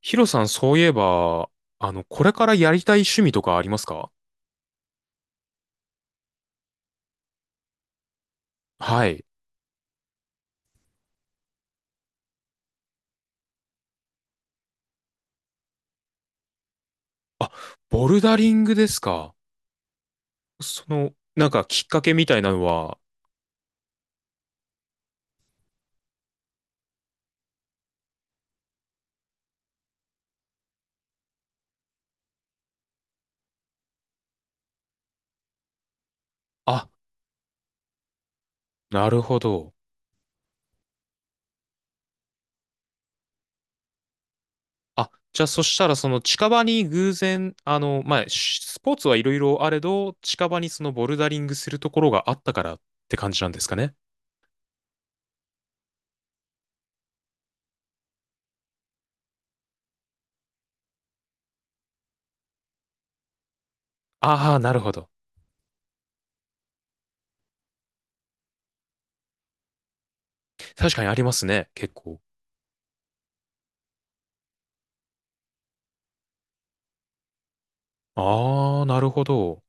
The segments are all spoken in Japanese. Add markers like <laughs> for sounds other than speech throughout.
ヒロさん、そういえば、これからやりたい趣味とかありますか？はい。あ、ボルダリングですか。その、きっかけみたいなのは、あ、なるほど。あ、じゃあそしたらその近場に偶然、スポーツはいろいろあれど、近場にそのボルダリングするところがあったからって感じなんですかね。ああ、なるほど。確かにありますね、結構。ああ、なるほど。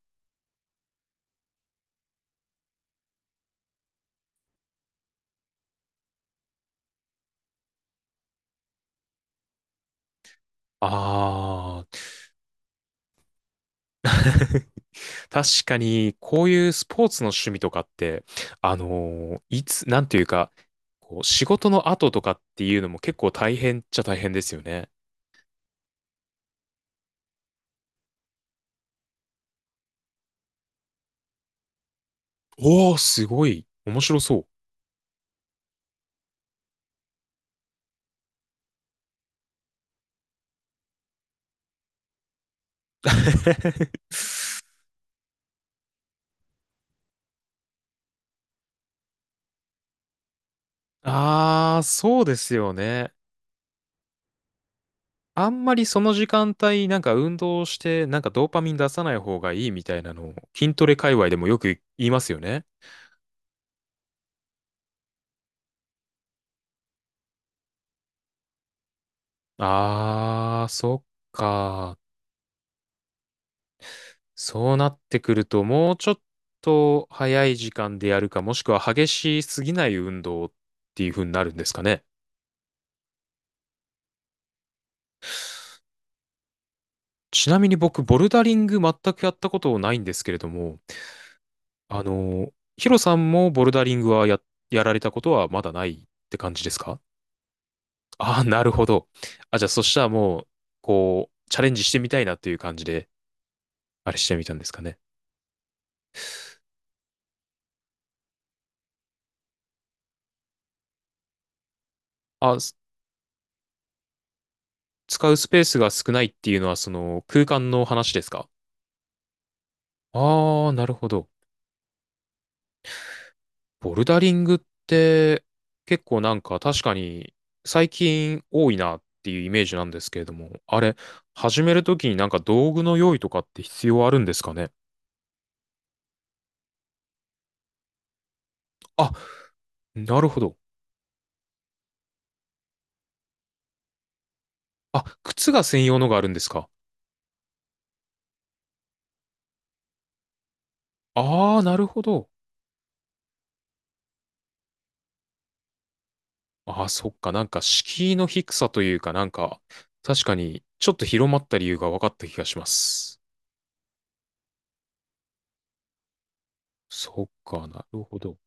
ああ。<laughs> 確かに、こういうスポーツの趣味とかって、いつ、なんていうか、こう、仕事の後とかっていうのも結構大変っちゃ大変ですよね。おー、すごい。面白そう。<laughs> ああ、そうですよね。あんまりその時間帯、なんか運動して、なんかドーパミン出さない方がいいみたいなのを、筋トレ界隈でもよく言いますよね。ああ、そっか。そうなってくると、もうちょっと早い時間でやるか、もしくは激しすぎない運動っていう風になるんですかね。ちなみに僕、ボルダリング全くやったことないんですけれども、あの、ヒロさんもボルダリングはやられたことはまだないって感じですか？ああー、なるほど。あ、じゃあそしたらもう、こう、チャレンジしてみたいなっていう感じで、あれしてみたんですかね。あ、す使うスペースが少ないっていうのは、その空間の話ですか？ああー、なるほど。ボルダリングって結構なんか確かに最近多いなっていうイメージなんですけれども、あれ、始めるときになんか道具の用意とかって必要あるんですかね？あ、なるほど。あ、靴が専用のがあるんですか？ああー、なるほど。ああ、そっか。なんか敷居の低さというかなんか、確かにちょっと広まった理由が分かった気がします。そっか、なるほど。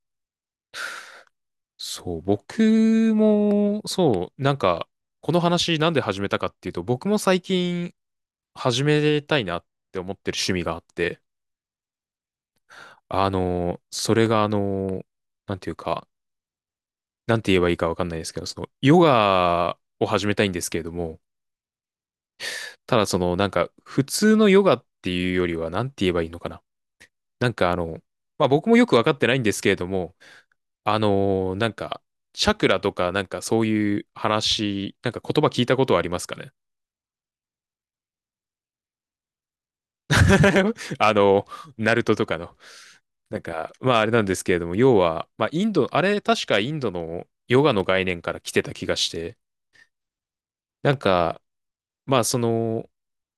そう、僕も、そう、なんか、この話なんで始めたかっていうと、僕も最近始めたいなって思ってる趣味があって、それがなんていうか、なんて言えばいいかわかんないですけど、その、ヨガを始めたいんですけれども、ただその、なんか、普通のヨガっていうよりは、なんて言えばいいのかな。なんかあの、まあ僕もよくわかってないんですけれども、あの、なんか、チャクラとか、なんかそういう話、なんか言葉聞いたことはありますかね？ <laughs> あの、ナルトとかの。なんか、まああれなんですけれども、要は、まあインド、あれ確かインドのヨガの概念から来てた気がして、なんか、まあその、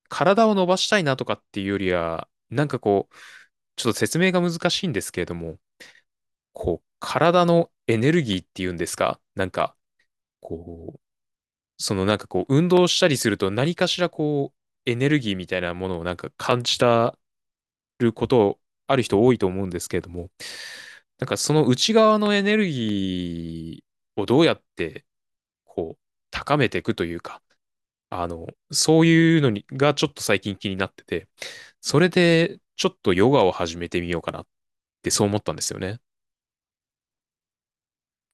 体を伸ばしたいなとかっていうよりは、なんかこう、ちょっと説明が難しいんですけれども、こう、体のエネルギーっていうんですかなんか、こう、なんかこう、運動したりすると何かしらこう、エネルギーみたいなものをなんか感じることある人多いと思うんですけれども、なんかその内側のエネルギーをどうやってこう高めていくというか、あの、そういうのにがちょっと最近気になってて、それでちょっとヨガを始めてみようかなってそう思ったんですよね。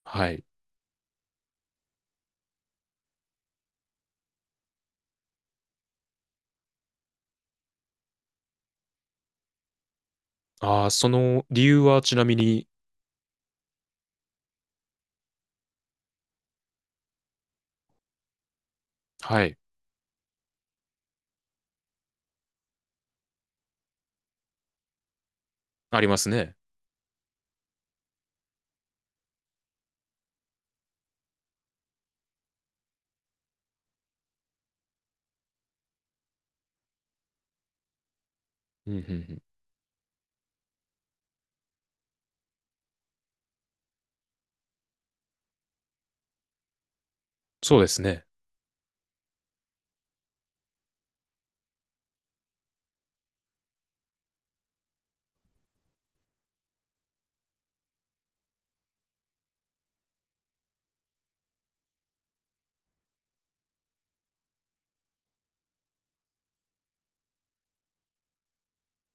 はい。ああ、その理由はちなみに、はい、ありますね。うんうんうん、そうですね。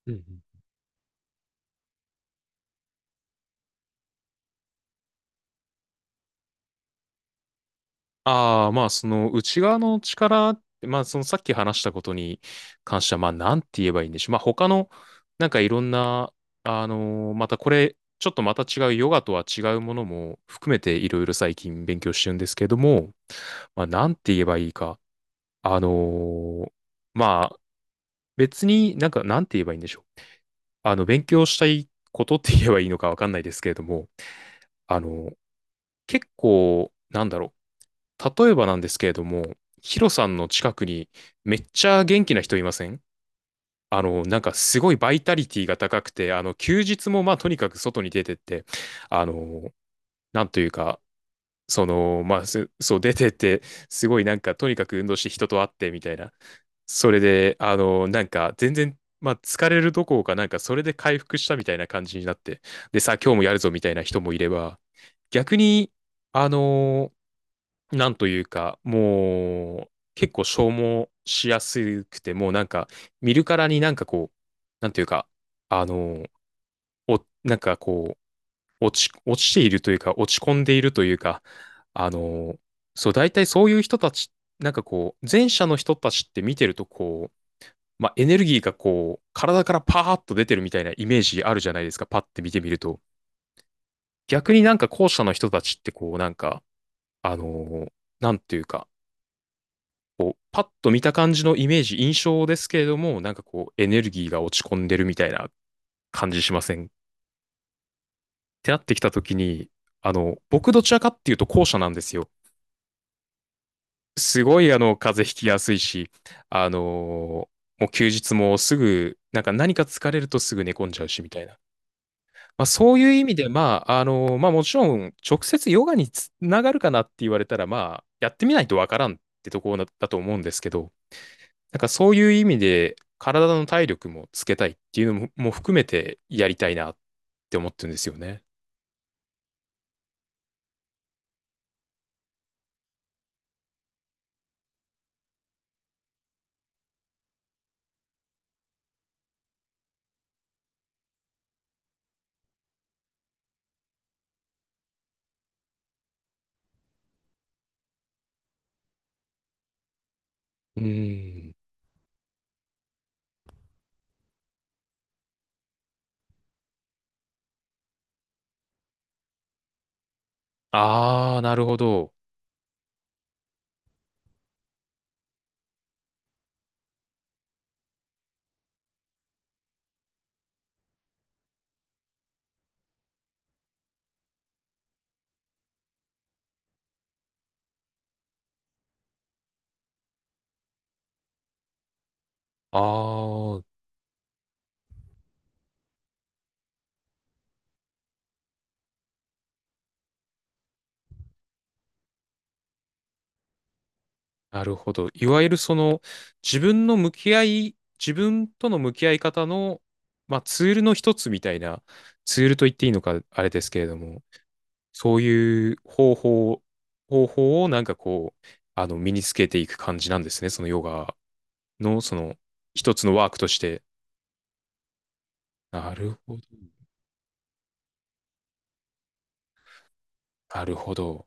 うんうん、ああ、まあ、その内側の力って、まあ、そのさっき話したことに関しては、まあ、なんて言えばいいんでしょう。まあ、他の、なんかいろんな、またこれ、ちょっとまた違うヨガとは違うものも含めていろいろ最近勉強してるんですけども、まあ、なんて言えばいいか。あのーまあ、別になんか、なんて言えばいいんでしょう。あの、勉強したいことって言えばいいのかわかんないですけれども、あの結構、なんだろう。例えばなんですけれども、ヒロさんの近くにめっちゃ元気な人いません？あの、なんかすごいバイタリティが高くて、あの、休日もまあとにかく外に出てって、あの、なんというか、その、まあ、すそう出てって、すごいなんかとにかく運動して人と会ってみたいな、それで、あの、なんか、全然、まあ、疲れるどころか、なんか、それで回復したみたいな感じになって、で、さあ、今日もやるぞみたいな人もいれば、逆に、あの、なんというか、もう、結構消耗しやすくて、もうなんか、見るからになんかこう、なんというか、あの、お、なんかこう、落ち、落ちているというか、落ち込んでいるというか、あの、そう、大体そういう人たち、なんかこう、前者の人たちって見てると、こう、まあ、エネルギーがこう、体からパーッと出てるみたいなイメージあるじゃないですか、パッて見てみると。逆になんか後者の人たちってこう、なんか、あのーなんていうか、こう、パッと見た感じのイメージ、印象ですけれども、なんかこう、エネルギーが落ち込んでるみたいな感じしませんってなってきたときに、あの、僕どちらかっていうと後者なんですよ。すごいあの、風邪ひきやすいし、あのーもう休日もすぐ、なんか何か疲れるとすぐ寝込んじゃうしみたいな。まあ、そういう意味で、まあ、もちろん、直接ヨガにつながるかなって言われたら、まあ、やってみないとわからんってところだと思うんですけど、なんかそういう意味で、体の体力もつけたいっていうのも含めてやりたいなって思ってるんですよね。うーん。ああ、なるほど。ああ、なるほど。いわゆるその、自分との向き合い方の、まあ、ツールの一つみたいな、ツールと言っていいのか、あれですけれども、そういう方法、方法をなんかこう、あの、身につけていく感じなんですね。そのヨガの、その、一つのワークとして。なるほど。なるほど。